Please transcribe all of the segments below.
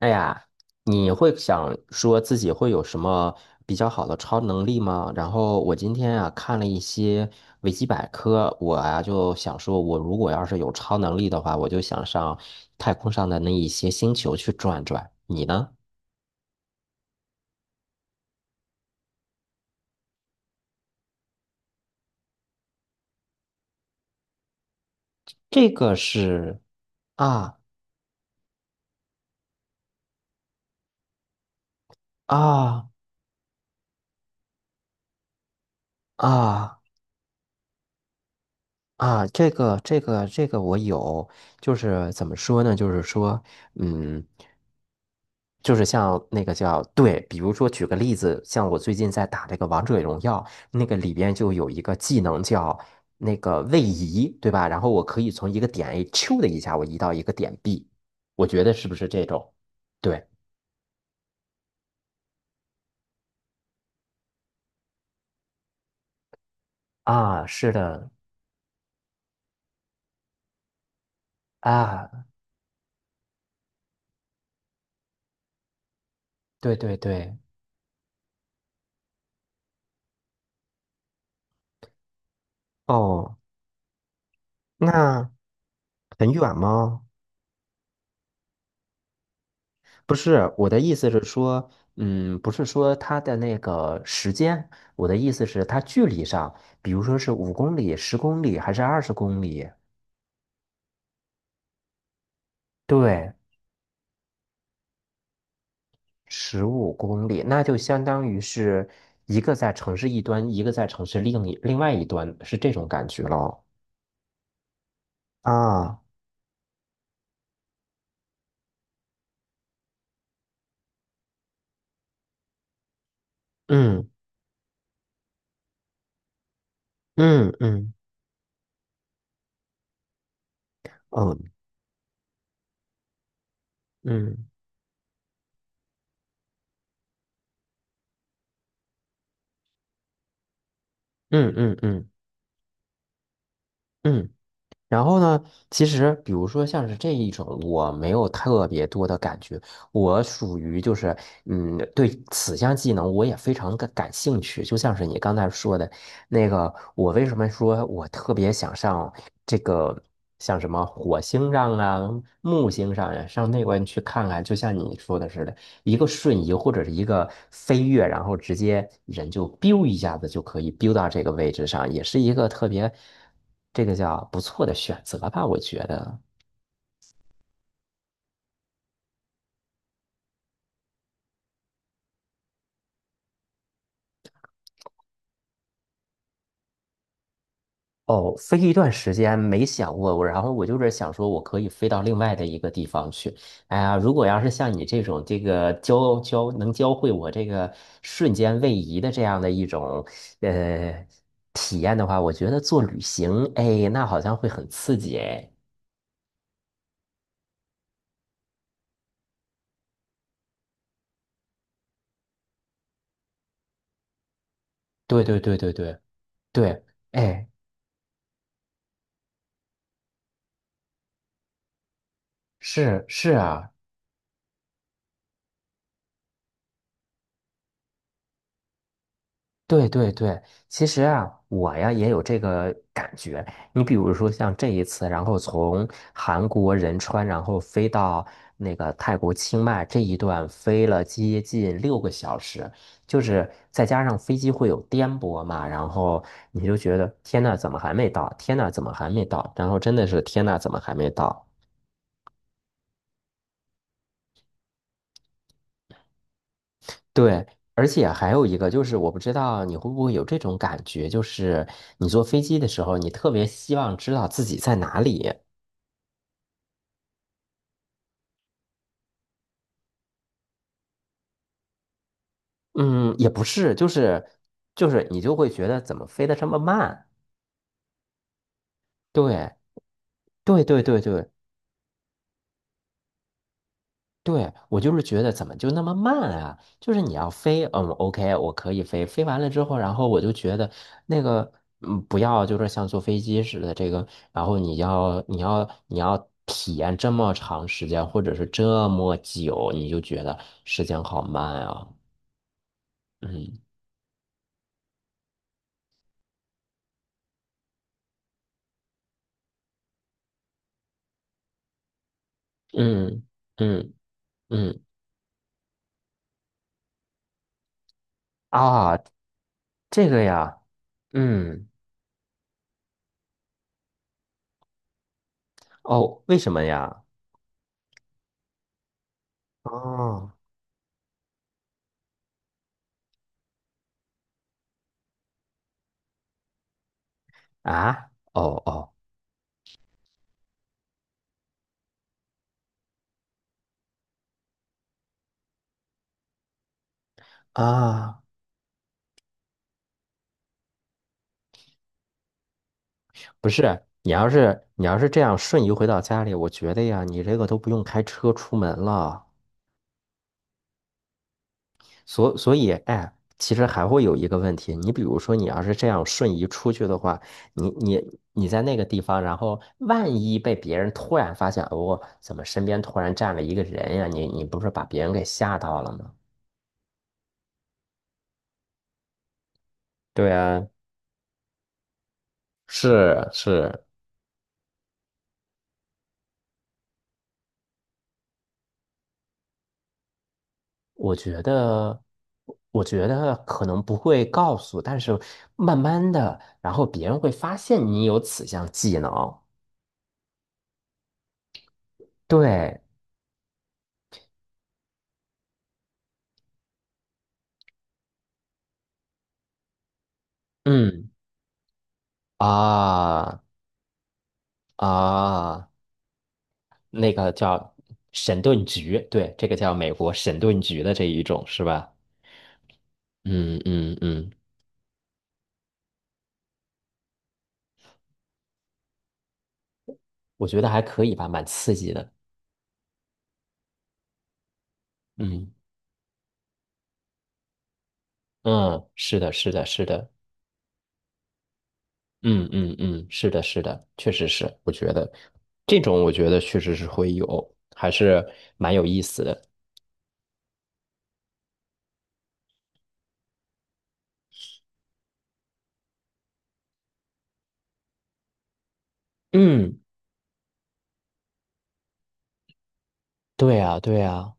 哎呀，你会想说自己会有什么比较好的超能力吗？然后我今天啊看了一些维基百科，我啊就想说，我如果要是有超能力的话，我就想上太空上的那一些星球去转转。你呢？这个是啊啊啊！啊，这个我有，就是怎么说呢？就是说，嗯，就是像那个叫对，比如说举个例子，像我最近在打这个王者荣耀，那个里边就有一个技能叫那个位移，对吧？然后我可以从一个点 A 咻的一下，我移到一个点 B，我觉得是不是这种？对啊，是的啊，对对对，哦，那很远吗？不是，我的意思是说，嗯，不是说它的那个时间，我的意思是它距离上，比如说是五公里、十公里还是20公里？对，15公里，那就相当于是一个在城市一端，一个在城市另外一端，是这种感觉咯。啊，嗯嗯嗯，哦，嗯嗯嗯嗯嗯。嗯然后呢，其实比如说像是这一种，我没有特别多的感觉，我属于就是，嗯，对此项技能我也非常的感兴趣。就像是你刚才说的那个，我为什么说我特别想上这个，像什么火星上啊、木星上呀、上那边去看看，就像你说的似的。一个瞬移或者是一个飞跃，然后直接人就 biu 一下子就可以 biu 到这个位置上，也是一个特别这个叫不错的选择吧，我觉得。哦，飞一段时间没想过，然后我就是想说，我可以飞到另外的一个地方去。哎呀，如果要是像你这种这个能教会我这个瞬间位移的这样的一种呃体验的话，我觉得做旅行，哎，那好像会很刺激，哎。对对对对对。对，哎，是是啊，对对对，其实啊，我呀也有这个感觉。你比如说像这一次，然后从韩国仁川，然后飞到那个泰国清迈这一段，飞了接近6个小时，就是再加上飞机会有颠簸嘛，然后你就觉得天呐，怎么还没到？天呐，怎么还没到？然后真的是天呐，怎么还没到？对，而且还有一个就是，我不知道你会不会有这种感觉，就是你坐飞机的时候，你特别希望知道自己在哪里。嗯，也不是你就会觉得怎么飞得这么慢？对，对，对，对，对。对，我就是觉得怎么就那么慢啊？就是你要飞，嗯，OK，我可以飞，飞完了之后，然后我就觉得那个，嗯，不要就是像坐飞机似的这个，然后你要体验这么长时间，或者是这么久，你就觉得时间好慢啊。嗯嗯嗯嗯啊，这个呀，嗯哦，为什么呀？哦啊，哦哦啊。不是，你要是这样瞬移回到家里，我觉得呀，你这个都不用开车出门了。所以，哎，其实还会有一个问题，你比如说，你要是这样瞬移出去的话，你在那个地方，然后万一被别人突然发现，哦，怎么身边突然站了一个人呀？你不是把别人给吓到了吗？对啊，是是，我觉得，我觉得可能不会告诉，但是慢慢的，然后别人会发现你有此项技能。对，嗯，啊啊，那个叫神盾局，对，这个叫美国神盾局的这一种是吧？嗯嗯嗯，我觉得还可以吧，蛮刺激的。嗯嗯，是的，是的，是的。嗯嗯嗯，是的，是的，确实是，我觉得这种我觉得确实是会有，还是蛮有意思的。嗯，对呀，对呀，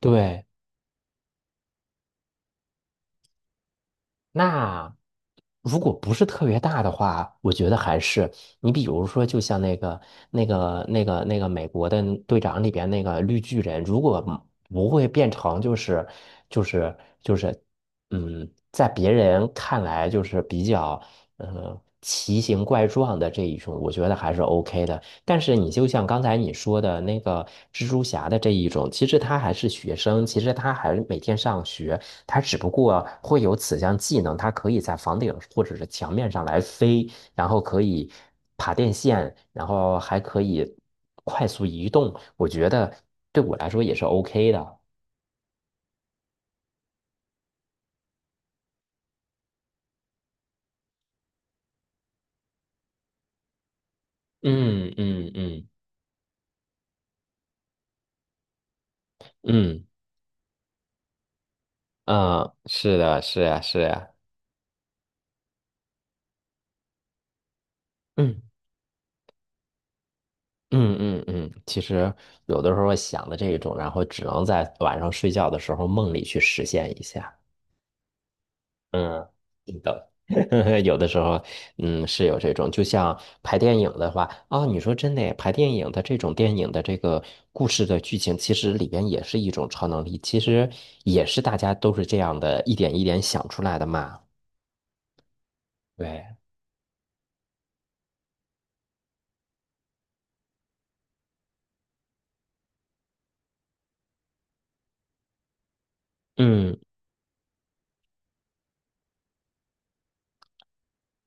对。那如果不是特别大的话，我觉得还是你比如说，就像那个美国的队长里边那个绿巨人，如果不会变成就是就是就是，嗯，在别人看来就是比较奇形怪状的这一种，我觉得还是 OK 的。但是你就像刚才你说的那个蜘蛛侠的这一种，其实他还是学生，其实他还每天上学。它只不过会有此项技能，它可以在房顶或者是墙面上来飞，然后可以爬电线，然后还可以快速移动。我觉得对我来说也是 OK 的。嗯嗯嗯嗯嗯，是的，是呀，是呀。嗯嗯嗯嗯，其实有的时候想的这一种，然后只能在晚上睡觉的时候梦里去实现一下。嗯，是的，有的时候，嗯，是有这种，就像拍电影的话，啊、你说真的耶拍电影的这种电影的这个故事的剧情，其实里边也是一种超能力，其实也是大家都是这样的，一点一点想出来的嘛。对，嗯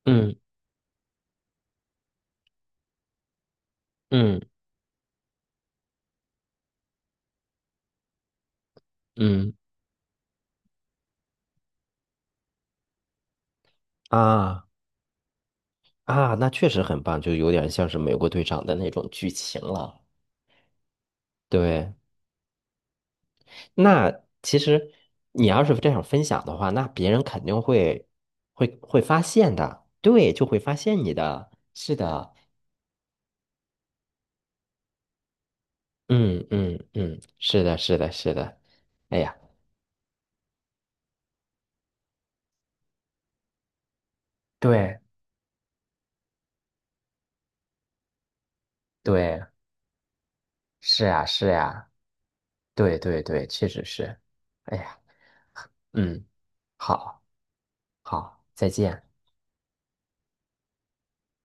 嗯嗯嗯，啊啊，那确实很棒，就有点像是美国队长的那种剧情了。对。那其实你要是这样分享的话，那别人肯定会发现的，对，就会发现你的啊，嗯嗯嗯，是的，是的，是的，哎呀，对对，是呀，是呀，对对对，确实是，哎呀，嗯，好，好，再见。